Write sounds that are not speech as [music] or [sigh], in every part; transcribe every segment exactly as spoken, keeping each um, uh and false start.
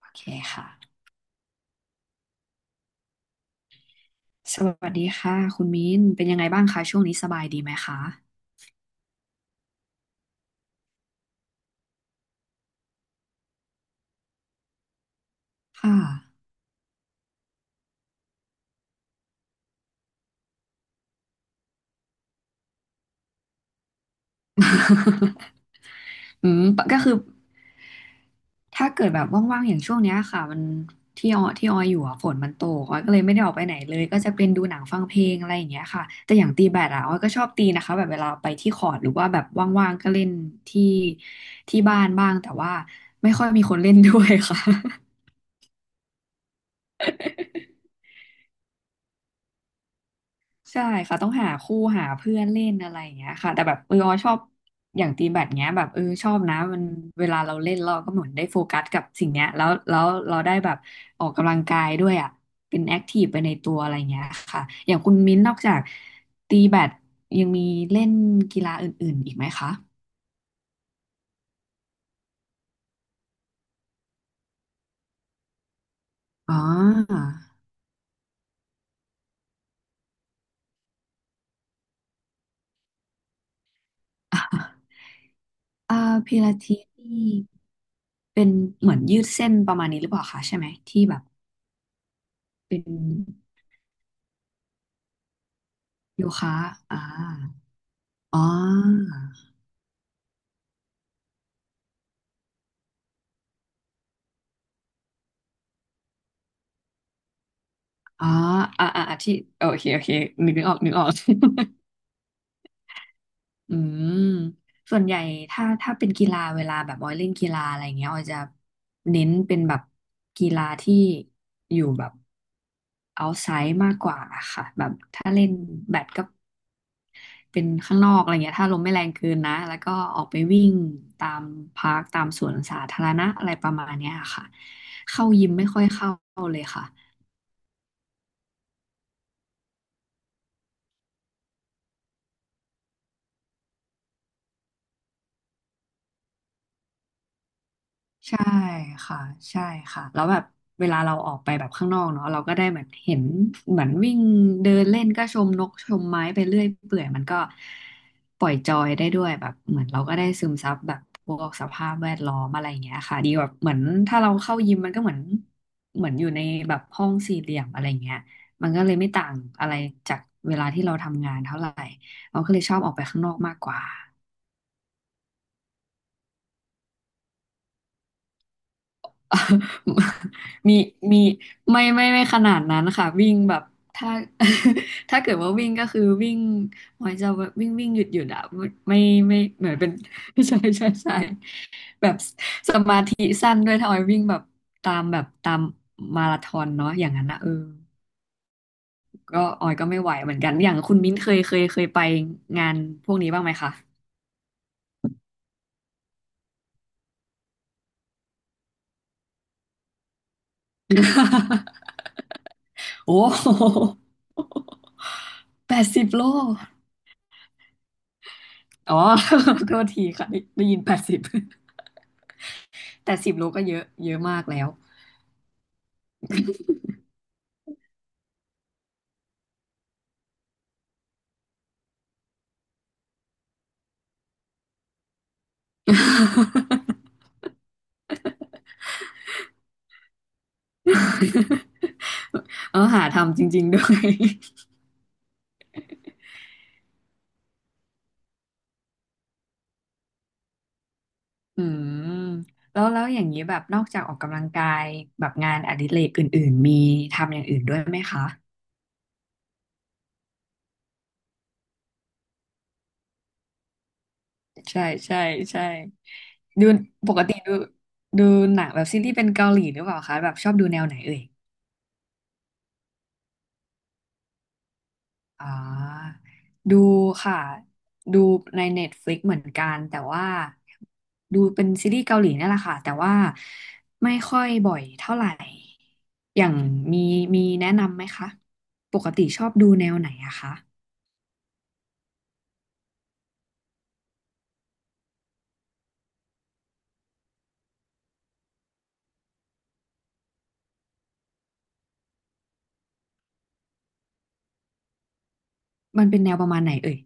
โอเคค่ะสวัสดีค่ะคุณมิ้นเป็นยังไงบ้างคะช่วงนี้สบายดีไหมคะค่ะ [laughs] อืมปะก็คือถ้าเกิดแบบว่างๆอย่างช่วงเนี้ยค่ะมันที่ออที่ออยอยู่อ่ะฝนมันตกออยก็เลยไม่ได้ออกไปไหนเลยก็จะเป็นดูหนังฟังเพลงอะไรอย่างเงี้ยค่ะแต่อย่างตีแบดอ่ะออยก็ชอบตีนะคะแบบเวลาไปที่คอร์ตหรือว่าแบบว่างๆก็เล่นที่ที่บ้านบ้างแต่ว่าไม่ค่อยมีคนเล่นด้วยค่ะ ใช่ค่ะต้องหาคู่หาเพื่อนเล่นอะไรอย่างเงี้ยค่ะแต่แบบเออออชอบอย่างตีแบดเงี้ยแบบเออชอบนะมันเวลาเราเล่นเราก็เหมือนได้โฟกัสกับสิ่งเนี้ยแล้วแล้วเราได้แบบออกกำลังกายด้วยอ่ะเป็นแอคทีฟไปในตัวอะไรเงี้ยค่ะอย่างคุณมิ้นท์นอกจากตีแบดยังมีเล่นกีฬาอื่นๆอีกไหมคะอ๋อ [laughs] เอ่าพิลาทิสนี่เป็นเหมือนยืดเส้นประมาณนี้หรือเปล่าคะใช่ไหมที่แบบเป็นโยคะอ่า อ๋ออ๋ออ่าอ่าอ่าที่โอเคโอเคนึกนึกออกนึกออก [laughs] อืมส่วนใหญ่ถ้าถ้าเป็นกีฬาเวลาแบบออยเล่นกีฬาอะไรเงี้ยออยจะเน้นเป็นแบบกีฬาที่อยู่แบบ outside มากกว่าค่ะแบบถ้าเล่นแบดก็เป็นข้างนอกอะไรเงี้ยถ้าลมไม่แรงเกินนะ แล้วก็ออกไปวิ่ง ตามพาร์คตามสวนสาธารณะอะไรประมาณเนี้ยค่ะเข้ายิมไม่ค่อยเข้าเลยค่ะ ใช่ค่ะใช่ค่ะแล้วแบบเวลาเราออกไปแบบข้างนอกเนาะเราก็ได้เหมือนเห็นเหมือนวิ่งเดินเล่นก็ชมนกชมไม้ไปเรื่อยเปื่อยมันก็ปล่อยจอยได้ด้วยแบบเหมือนเราก็ได้ซึมซับแบบพวกสภาพแวดล้อมอะไรอย่างเงี้ยค่ะดีแบบเหมือนถ้าเราเข้ายิมมันก็เหมือนเหมือนอยู่ในแบบห้องสี่เหลี่ยมอะไรอย่างเงี้ยมันก็เลยไม่ต่างอะไรจากเวลาที่เราทำงานเท่าไหร่เราก็เลยชอบออกไปข้างนอกมากกว่า [laughs] มีมีไม่ไม่ไม่ขนาดนั้นค่ะวิ่งแบบถ้า [laughs] ถ้าเกิดว่าวิ่งก็คือวิ่งหมายจะวิ่งวิ่งหยุดหยุดอะไม่ไม่เหมือนเป็น [laughs] ใช่ใช่ใช่แบบสมาธิสั้นด้วยถ้าออยวิ่งแบบตามแบบตามมาราธอนเนาะอย่างนั้นนะเออก็ออยก็ไม่ไหวเหมือนกันอย่างคุณมิ้นเคยเคยเคยไปงานพวกนี้บ้างไหมคะ [laughs] โอ้แปดสิบโล อ๋อ [laughs] โทษทีค่ะได้ได้ยินแปดสิบ [laughs] แต่สิบโลก็เยอะเยอะมากแล้ว [laughs] เออ หาทำจริงๆด้วย [laughs] อืมแล้วแล้ว อย่างนี้ แบบ นอกจากออกกำลังกาย แบบงานอดิเรกอื่นๆ มีทำอย่างอื่นด้วยไหมคะ ใช่ใช่ใช่ดูปกติดูดูหนังแบบซีรีส์เป็นเกาหลีหรือเปล่าคะแบบชอบดูแนวไหนเอ่ย อ่าดูค่ะ ดูใน เน็ตฟลิกซ์ เหมือนกันแต่ว่าดูเป็นซีรีส์เกาหลีนั่นแหละค่ะแต่ว่าไม่ค่อยบ่อยเท่าไหร่อย่างมีมีแนะนำไหมคะ ปกติชอบดูแนวไหนอะคะ มันเป็นแนวประมาณไหนเอ่ย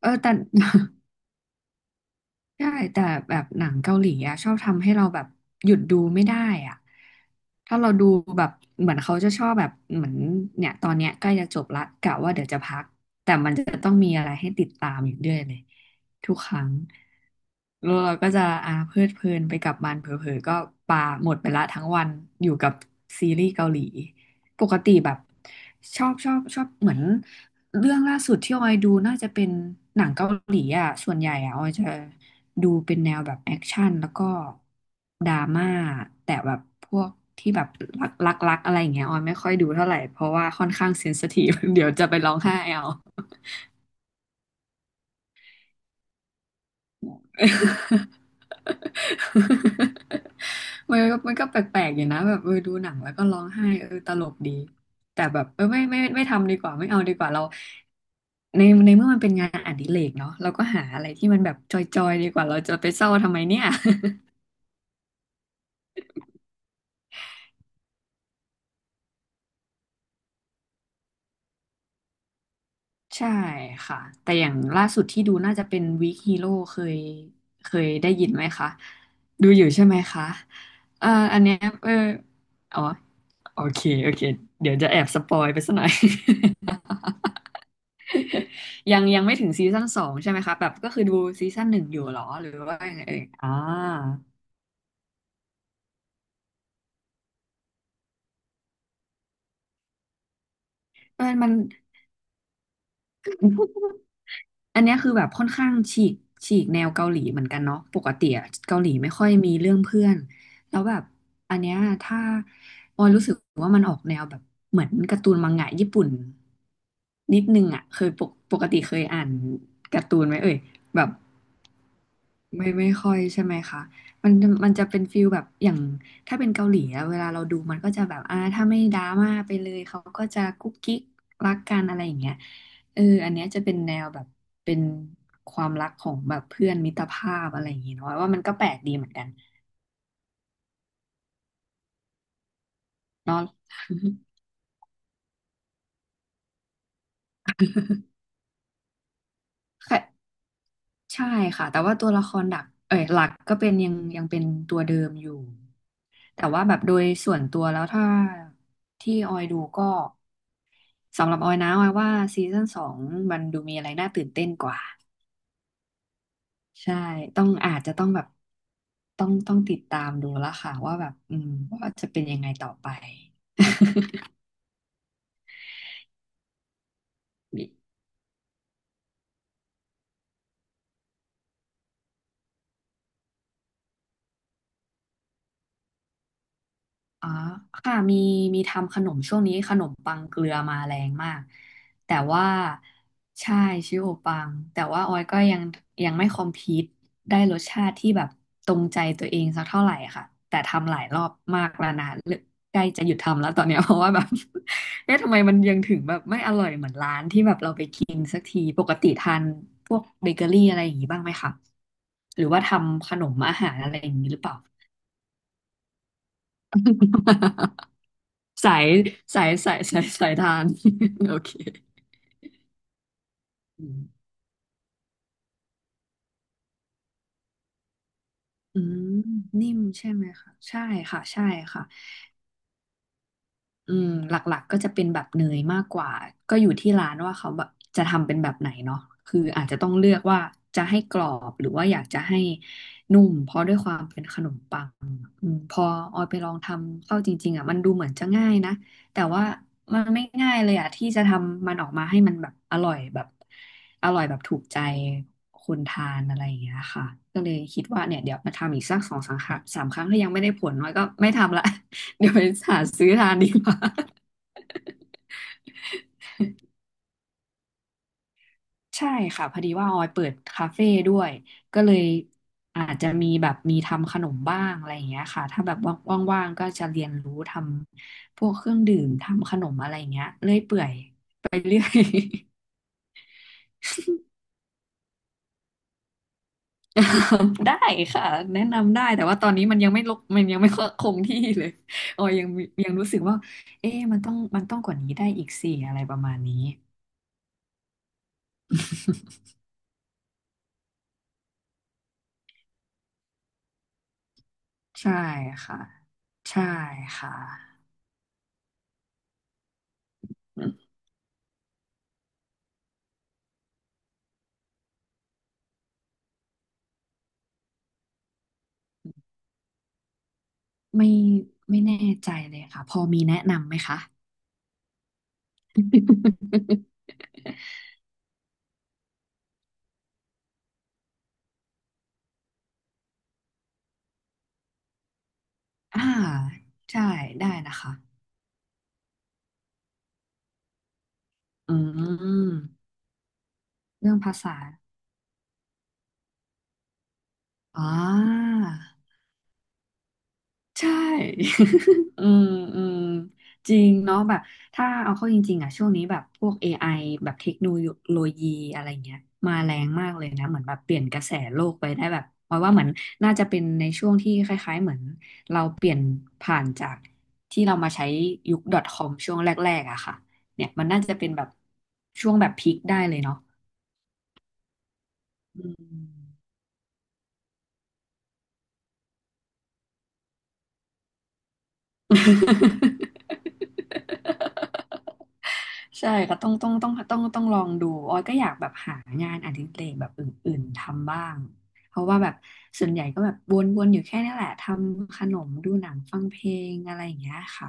เออแต่ [laughs] ใช่แต่แบบหนังเกาหลีอะชอบทำให้เราแบบหยุดดูไม่ได้อะถ้าเราดูแบบเหมือนเขาจะชอบแบบเหมือนเนี่ยตอนเนี้ยใกล้จะจบละกะว่าเดี๋ยวจะพักแต่มันจะต้องมีอะไรให้ติดตามอยู่เรื่อยเลยทุกครั้ง แล้วเราก็จะอ่าเพลิดเพลินไปกับมันเผลอๆก็ปาหมดไปละทั้งวันอยู่กับซีรีส์เกาหลีปกติแบบชอบชอบชอบเหมือนเรื่องล่าสุดที่ออยดูน่าจะเป็นหนังเกาหลีอ่ะส่วนใหญ่อ่ะออยจะดูเป็นแนวแบบแอคชั่นแล้วก็ดราม่าแต่แบบพวกที่แบบรักรักรักอะไรอย่างเงี้ยออยไม่ค่อยดูเท่าไหร่เพราะว่าค่อนข้างเซนซิทีฟ [laughs] เดี๋ยวจะไปร้องไห้เอา [laughs] มันก็มันก็แปลกๆอยู่นะแบบเออดูหนังแล้วก็ร้องไห้เออตลกดีแต่แบบเออไม่ไม่ไม่ไม่ทำดีกว่าไม่เอาดีกว่าเราในในเมื่อมันเป็นงานอดิเรกเนาะเราก็หาอะไรที่มันแบบจอยๆดีกว่าเราจะไปเศร้าทำไมเนี่ย ใช่ค่ะแต่อย่างล่าสุดที่ดูน่าจะเป็นวีคฮีโร่เคยเคยได้ยินไหมคะดูอยู่ใช่ไหมคะเอ่ออันเนี้ยเอออ๋อโอเคโอเคเดี๋ยวจะแอบสปอยไปสักหน่อย [laughs] ยังยังไม่ถึงซีซั่นสองใช่ไหมคะแบบก็คือดูซีซั่นหนึ่งอยู่เหรอหรือว่ายังไงเอ่ยอ่าเออมัน อันเนี้ยคือแบบค่อนข้างฉีกฉีกแนวเกาหลีเหมือนกันเนาะปกติอะเกาหลีไม่ค่อยมีเรื่องเพื่อน แล้วแบบอันเนี้ยถ้าออยรู้สึกว่ามันออกแนวแบบเหมือนการ์ตูนมังงะญี่ปุ่นนิดนึงอะเคยปกปกติเคยอ่านการ์ตูนไหมเอ่ยแบบ ไม่ไม่ค่อยใช่ไหมคะมันมันจะเป็นฟิลแบบอย่างถ้าเป็นเกาหลีอะเวลาเราดูมันก็จะแบบอ่าถ้าไม่ดราม่าไปเลยเขาก็จะกุ๊กกิ๊กรักกันอะไรอย่างเงี้ยเอออันเนี้ยจะเป็นแนวแบบเป็นความรักของแบบเพื่อนมิตรภาพอะไรอย่างงี้เนาะว่ามันก็แปลกดีเหมือนกันเนาะ [laughs] ใช่ค่ะแต่ว่าตัวละครหลักเอ้ยหลักก็เป็นยังยังเป็นตัวเดิมอยู่แต่ว่าแบบโดยส่วนตัวแล้วถ้าที่ออยดูก็สำหรับออยนะออยว่าซีซั่นสองมันดูมีอะไรน่าตื่นเต้นกว่าใช่ต้องอาจจะต้องแบบต้องต้องติดตามดูแล้วค่ะว่าแบบอืมว่าจะเป็นยังไงต่อไป อ๋อค่ะมีมีทำขนมช่วงนี้ขนมปังเกลือมาแรงมากแต่ว่าใช่ชิโอปังแต่ว่าออยก็ยังยังไม่คอมพีตได้รสชาติที่แบบตรงใจตัวเองสักเท่าไหร่ค่ะแต่ทำหลายรอบมากแล้วนะเลิกใกล้จะหยุดทำแล้วตอนเนี้ย [laughs] เพราะว่าแบบ [laughs] เอ๊ะทำไมมันยังถึงแบบไม่อร่อยเหมือนร้านที่แบบเราไปกินสักทีปกติทานพวกเบเกอรี่อะไรอย่างนี้บ้างไหมคะหรือว่าทำขนมอาหารอะไรอย่างนี้หรือเปล่า [laughs] สายสายสายสายสายทาน [laughs] โอเคอืมอืมนิ่มใช่ไหมคะใช่ค่ะใช่ค่ะ อืมหลักๆก็จะเป็นแบบเนยมากกว่าก็อยู่ที่ร้านว่าเขาแบบจะทำเป็นแบบไหนเนาะคืออาจจะต้องเลือกว่าจะให้กรอบหรือว่าอยากจะให้นุ่มเพราะด้วยความเป็นขนมปังอืมพอออยไปลองทำเข้าจริงๆอ่ะมันดูเหมือนจะง่ายนะแต่ว่ามันไม่ง่ายเลยอ่ะที่จะทำมันออกมาให้มันแบบอร่อยแบบอร่อยแบบถูกใจคนทานอะไรอย่างเงี้ยค่ะก็เลยคิดว่าเนี่ยเดี๋ยวมาทำอีกสักสองสามครั้งสามครั้งถ้ายังไม่ได้ผลน้อยก็ไม่ทำละ เดี๋ยวไปหาซื้อทานดีกว่าใช่ค่ะพอดีว่าออยเปิดคาเฟ่ด้วยก็เลยอาจจะมีแบบมีทำขนมบ้างอะไรอย่างเงี้ยค่ะ ถ้าแบบว่างๆก็จะเรียนรู้ทำพวกเครื่องดื่มทำขนมอะไรอย่างเงี้ยเรื่อยเปื่อยไปเรื่อย [laughs] ได้ค่ะแนะนำได้ แต่ว่าตอนนี้มันยังไม่ลกมันยังไม่คงที่เลยออยยังยังรู้สึกว่าเอ๊ะมันต้องมันต้องกว่านี้ได้อีกสี่อะไรประมาณนี้ ใช่ค่ะใช่ค่ะ ไม่ไม่แน่ใจเลยค่ะพอมีแนะนำไหมคะ [laughs] อ่าใช่ได้นะคะอืมเรื่องภาษาอ่า ใช่ [laughs] อืมอืมจริงเนาะแบบถ้าเอาเข้าจริงๆอ่ะช่วงนี้แบบพวก เอ ไอ แบบเทคโนโลยีอะไรเงี้ยมาแรงมากเลยนะเหมือนแบบเปลี่ยนกระแสโลกไปได้แบบเพราะว่าเหมือนน่าจะเป็นในช่วงที่คล้ายๆเหมือนเราเปลี่ยนผ่านจากที่เรามาใช้ยุค .com ช่วงแรกๆอะค่ะเนี่ยมันน่าจะเป็นแบบช่วงแบบพีคได้เลยเนาะอืม [laughs] ใช่ก็ต้องต้องต้องต้องต้องลองดูออยก็อยากแบบหางานอดิเรกแบบอื่นๆทำบ้างเพราะว่าแบบส่วนใหญ่ก็แบบวนๆอยู่แค่นี้แหละทำขนมดูหนังฟังเพลงอะไรอย่างเงี้ยค่ะ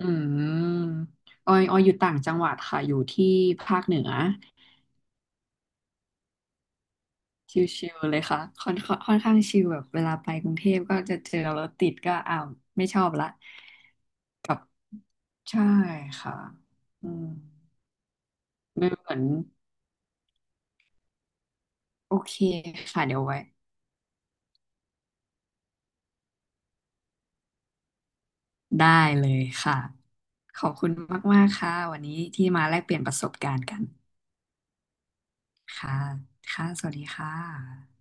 อืมออยออยอยู่ต่างจังหวัดค่ะอยู่ที่ภาคเหนือชิลๆเลยค่ะค่อนค่อนค่อนข้างชิลแบบเวลาไปกรุงเทพก็จะเจอรถติดก็อ้าวไม่ชอบละใช่ค่ะอืมไม่เหมือนโอเคค่ะเดี๋ยวไว้ได้เลยค่ะ ขอบคุณมากๆค่ะวันนี้ที่มาแลกเปลี่ยนประสบการณ์กันค่ะค่ะสวัสดีค่ะ